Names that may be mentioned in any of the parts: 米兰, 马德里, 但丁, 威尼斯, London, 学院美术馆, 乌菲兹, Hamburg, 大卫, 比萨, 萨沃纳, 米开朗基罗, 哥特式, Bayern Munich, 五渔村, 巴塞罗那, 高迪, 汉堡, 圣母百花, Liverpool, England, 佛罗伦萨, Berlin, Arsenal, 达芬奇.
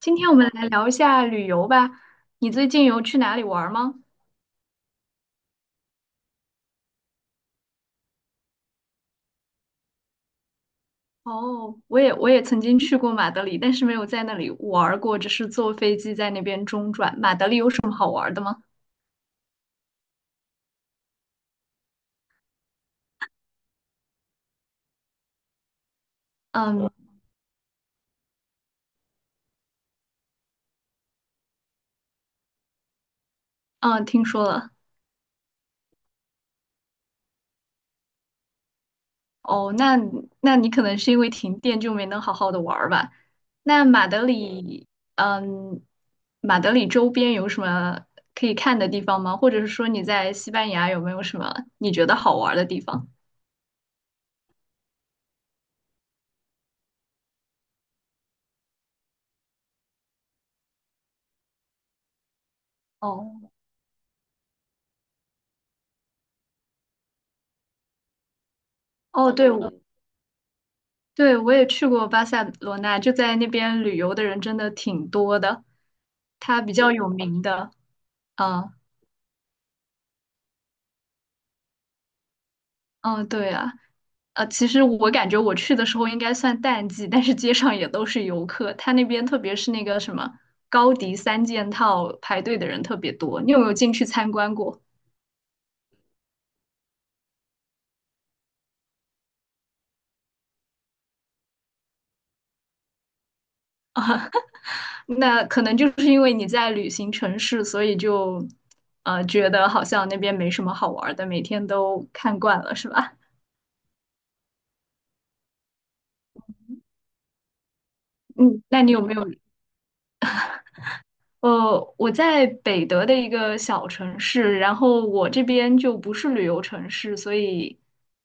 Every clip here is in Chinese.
今天我们来聊一下旅游吧。你最近有去哪里玩儿吗？哦，我也曾经去过马德里，但是没有在那里玩儿过，只是坐飞机在那边中转。马德里有什么好玩儿的吗？嗯。嗯，听说了。哦，那你可能是因为停电就没能好好的玩儿吧？那马德里，嗯，马德里周边有什么可以看的地方吗？或者是说你在西班牙有没有什么你觉得好玩儿的地方？哦。哦，对,我也去过巴塞罗那，就在那边旅游的人真的挺多的。它比较有名的，嗯。嗯，对啊，其实我感觉我去的时候应该算淡季，但是街上也都是游客。它那边特别是那个什么高迪三件套排队的人特别多，你有没有进去参观过？那可能就是因为你在旅行城市，所以就觉得好像那边没什么好玩儿的，每天都看惯了，是吧？嗯，那你有没有我在北德的一个小城市，然后我这边就不是旅游城市，所以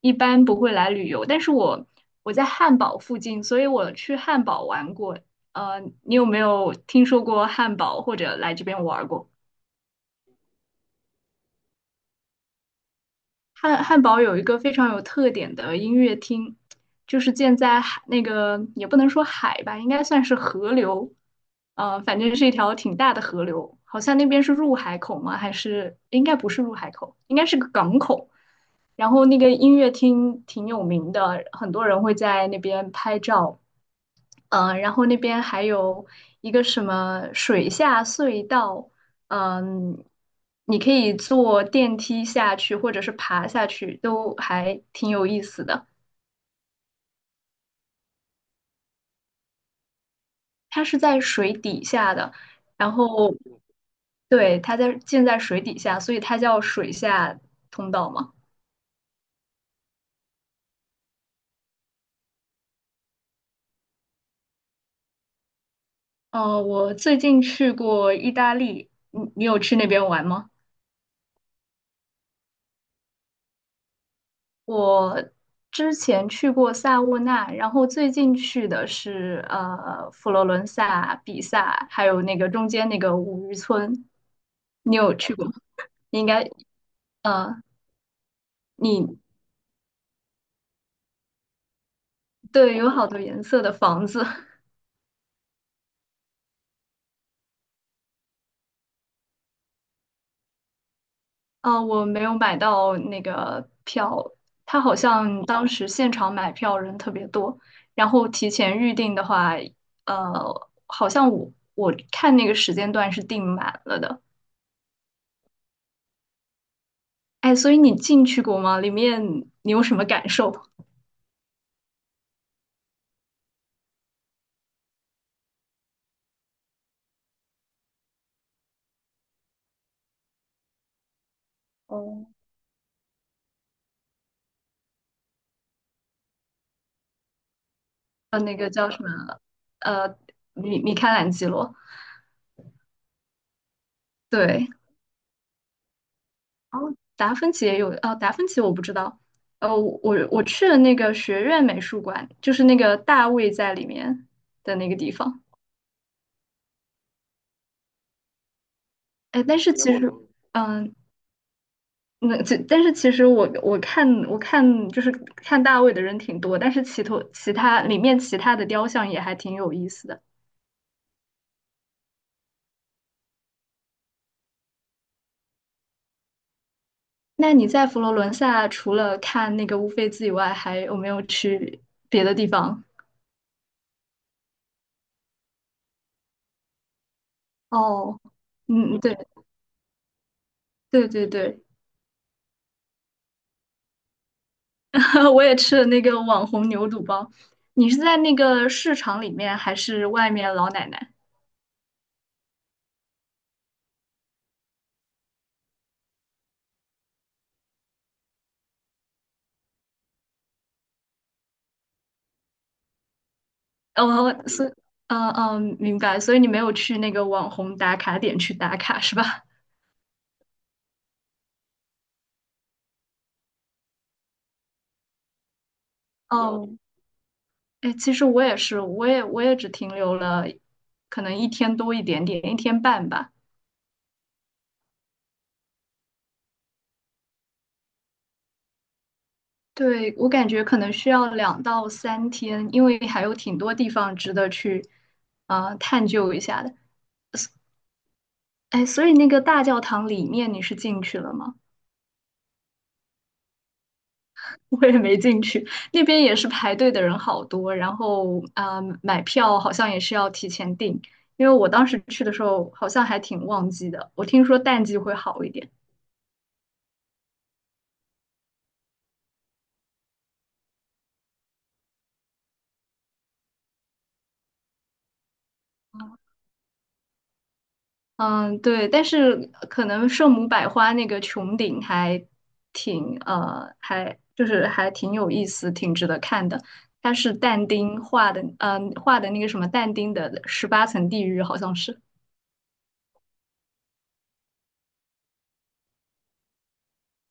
一般不会来旅游。但是我在汉堡附近，所以我去汉堡玩过。你有没有听说过汉堡或者来这边玩过？汉堡有一个非常有特点的音乐厅，就是建在海那个也不能说海吧，应该算是河流，反正是一条挺大的河流，好像那边是入海口吗？还是应该不是入海口，应该是个港口。然后那个音乐厅挺有名的，很多人会在那边拍照。然后那边还有一个什么水下隧道，嗯。你可以坐电梯下去，或者是爬下去，都还挺有意思的。它是在水底下的，然后对，它建在水底下，所以它叫水下通道嘛。我最近去过意大利，你有去那边玩吗？我之前去过萨沃纳，然后最近去的是佛罗伦萨、比萨，还有那个中间那个五渔村，你有去过吗？你应该呃，你对，有好多颜色的房子。我没有买到那个票，他好像当时现场买票人特别多，然后提前预定的话，好像我看那个时间段是订满了的。哎，所以你进去过吗？里面你有什么感受？哦，那个叫什么？呃，米开朗基罗，对，达芬奇也有。哦，达芬奇我不知道。我去了那个学院美术馆，就是那个大卫在里面的那个地方。哎，但是其实，嗯，但是其实我看就是看大卫的人挺多，但是其头其他里面其他的雕像也还挺有意思的。那你在佛罗伦萨除了看那个乌菲兹以外，还有没有去别的地方？哦，嗯，对，我也吃了那个网红牛肚包。你是在那个市场里面，还是外面老奶奶？哦，所以，嗯，明白。所以你没有去那个网红打卡点去打卡是吧？哦，哎，其实我也是，我也只停留了可能一天多一点点，一天半吧。对，我感觉可能需要两到三天，因为还有挺多地方值得去探究一下的。哎，所以那个大教堂里面你是进去了吗？我也没进去，那边也是排队的人好多，然后买票好像也是要提前订，因为我当时去的时候好像还挺旺季的，我听说淡季会好一点。嗯，对，但是可能圣母百花那个穹顶还挺呃，还就是还挺有意思，挺值得看的。它是但丁画的，画的那个什么但丁的十八层地狱，好像是。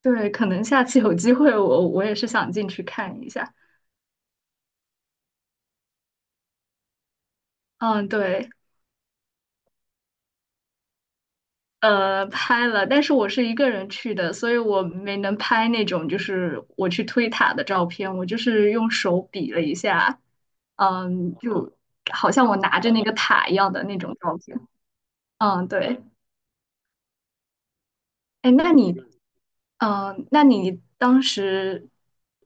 对，可能下次有机会我也是想进去看一下。嗯，对。拍了，但是我是一个人去的，所以我没能拍那种就是我去推塔的照片，我就是用手比了一下，嗯，就好像我拿着那个塔一样的那种照片。嗯，对。哎，那你，嗯，那你当时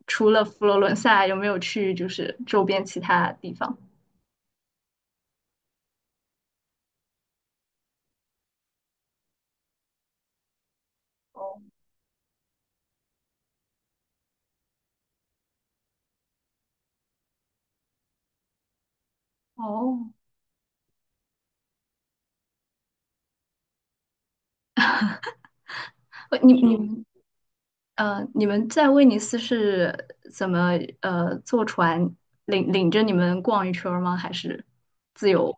除了佛罗伦萨，有没有去就是周边其他地方？哦，哦，呃你你你们在威尼斯是怎么坐船领着你们逛一圈儿吗？还是自由？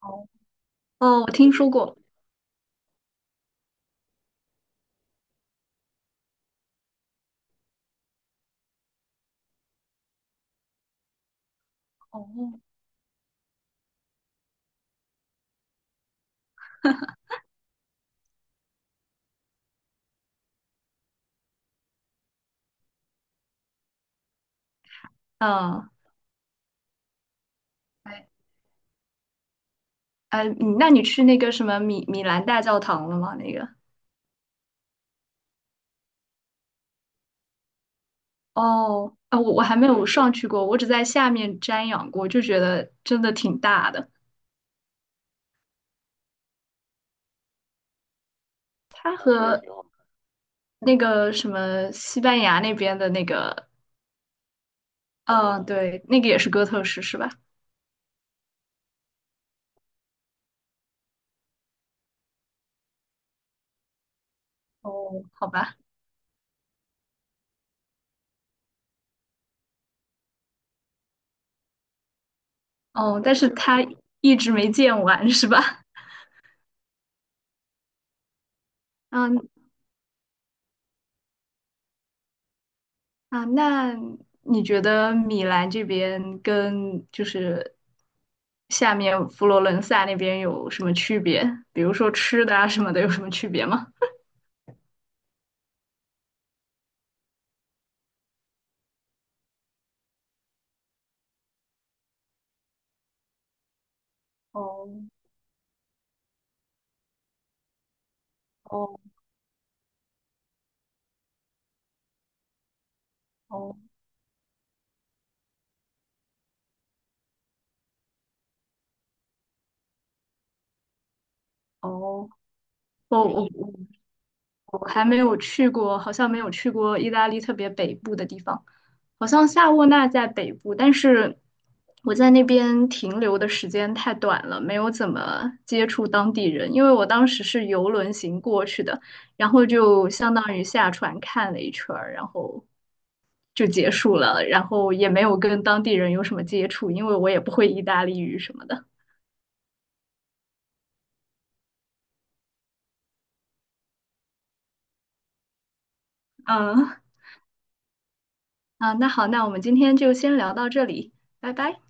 哦。哦，我听说过。哦，嗯，哎，哎，你那你去那个什么米兰大教堂了吗？那个？哦，啊，我还没有上去过，我只在下面瞻仰过，就觉得真的挺大的。它和那个什么西班牙那边的那个，嗯，对，那个也是哥特式是吧？哦，好吧。哦，但是他一直没见完，是吧？嗯。啊，那你觉得米兰这边跟就是下面佛罗伦萨那边有什么区别？比如说吃的啊什么的，有什么区别吗？哦，我我我我还没有去过，好像没有去过意大利特别北部的地方。好像夏沃纳在北部，但是我在那边停留的时间太短了，没有怎么接触当地人，因为我当时是游轮行过去的，然后就相当于下船看了一圈儿，然后就结束了，然后也没有跟当地人有什么接触，因为我也不会意大利语什么的。嗯，啊，那好，那我们今天就先聊到这里，拜拜。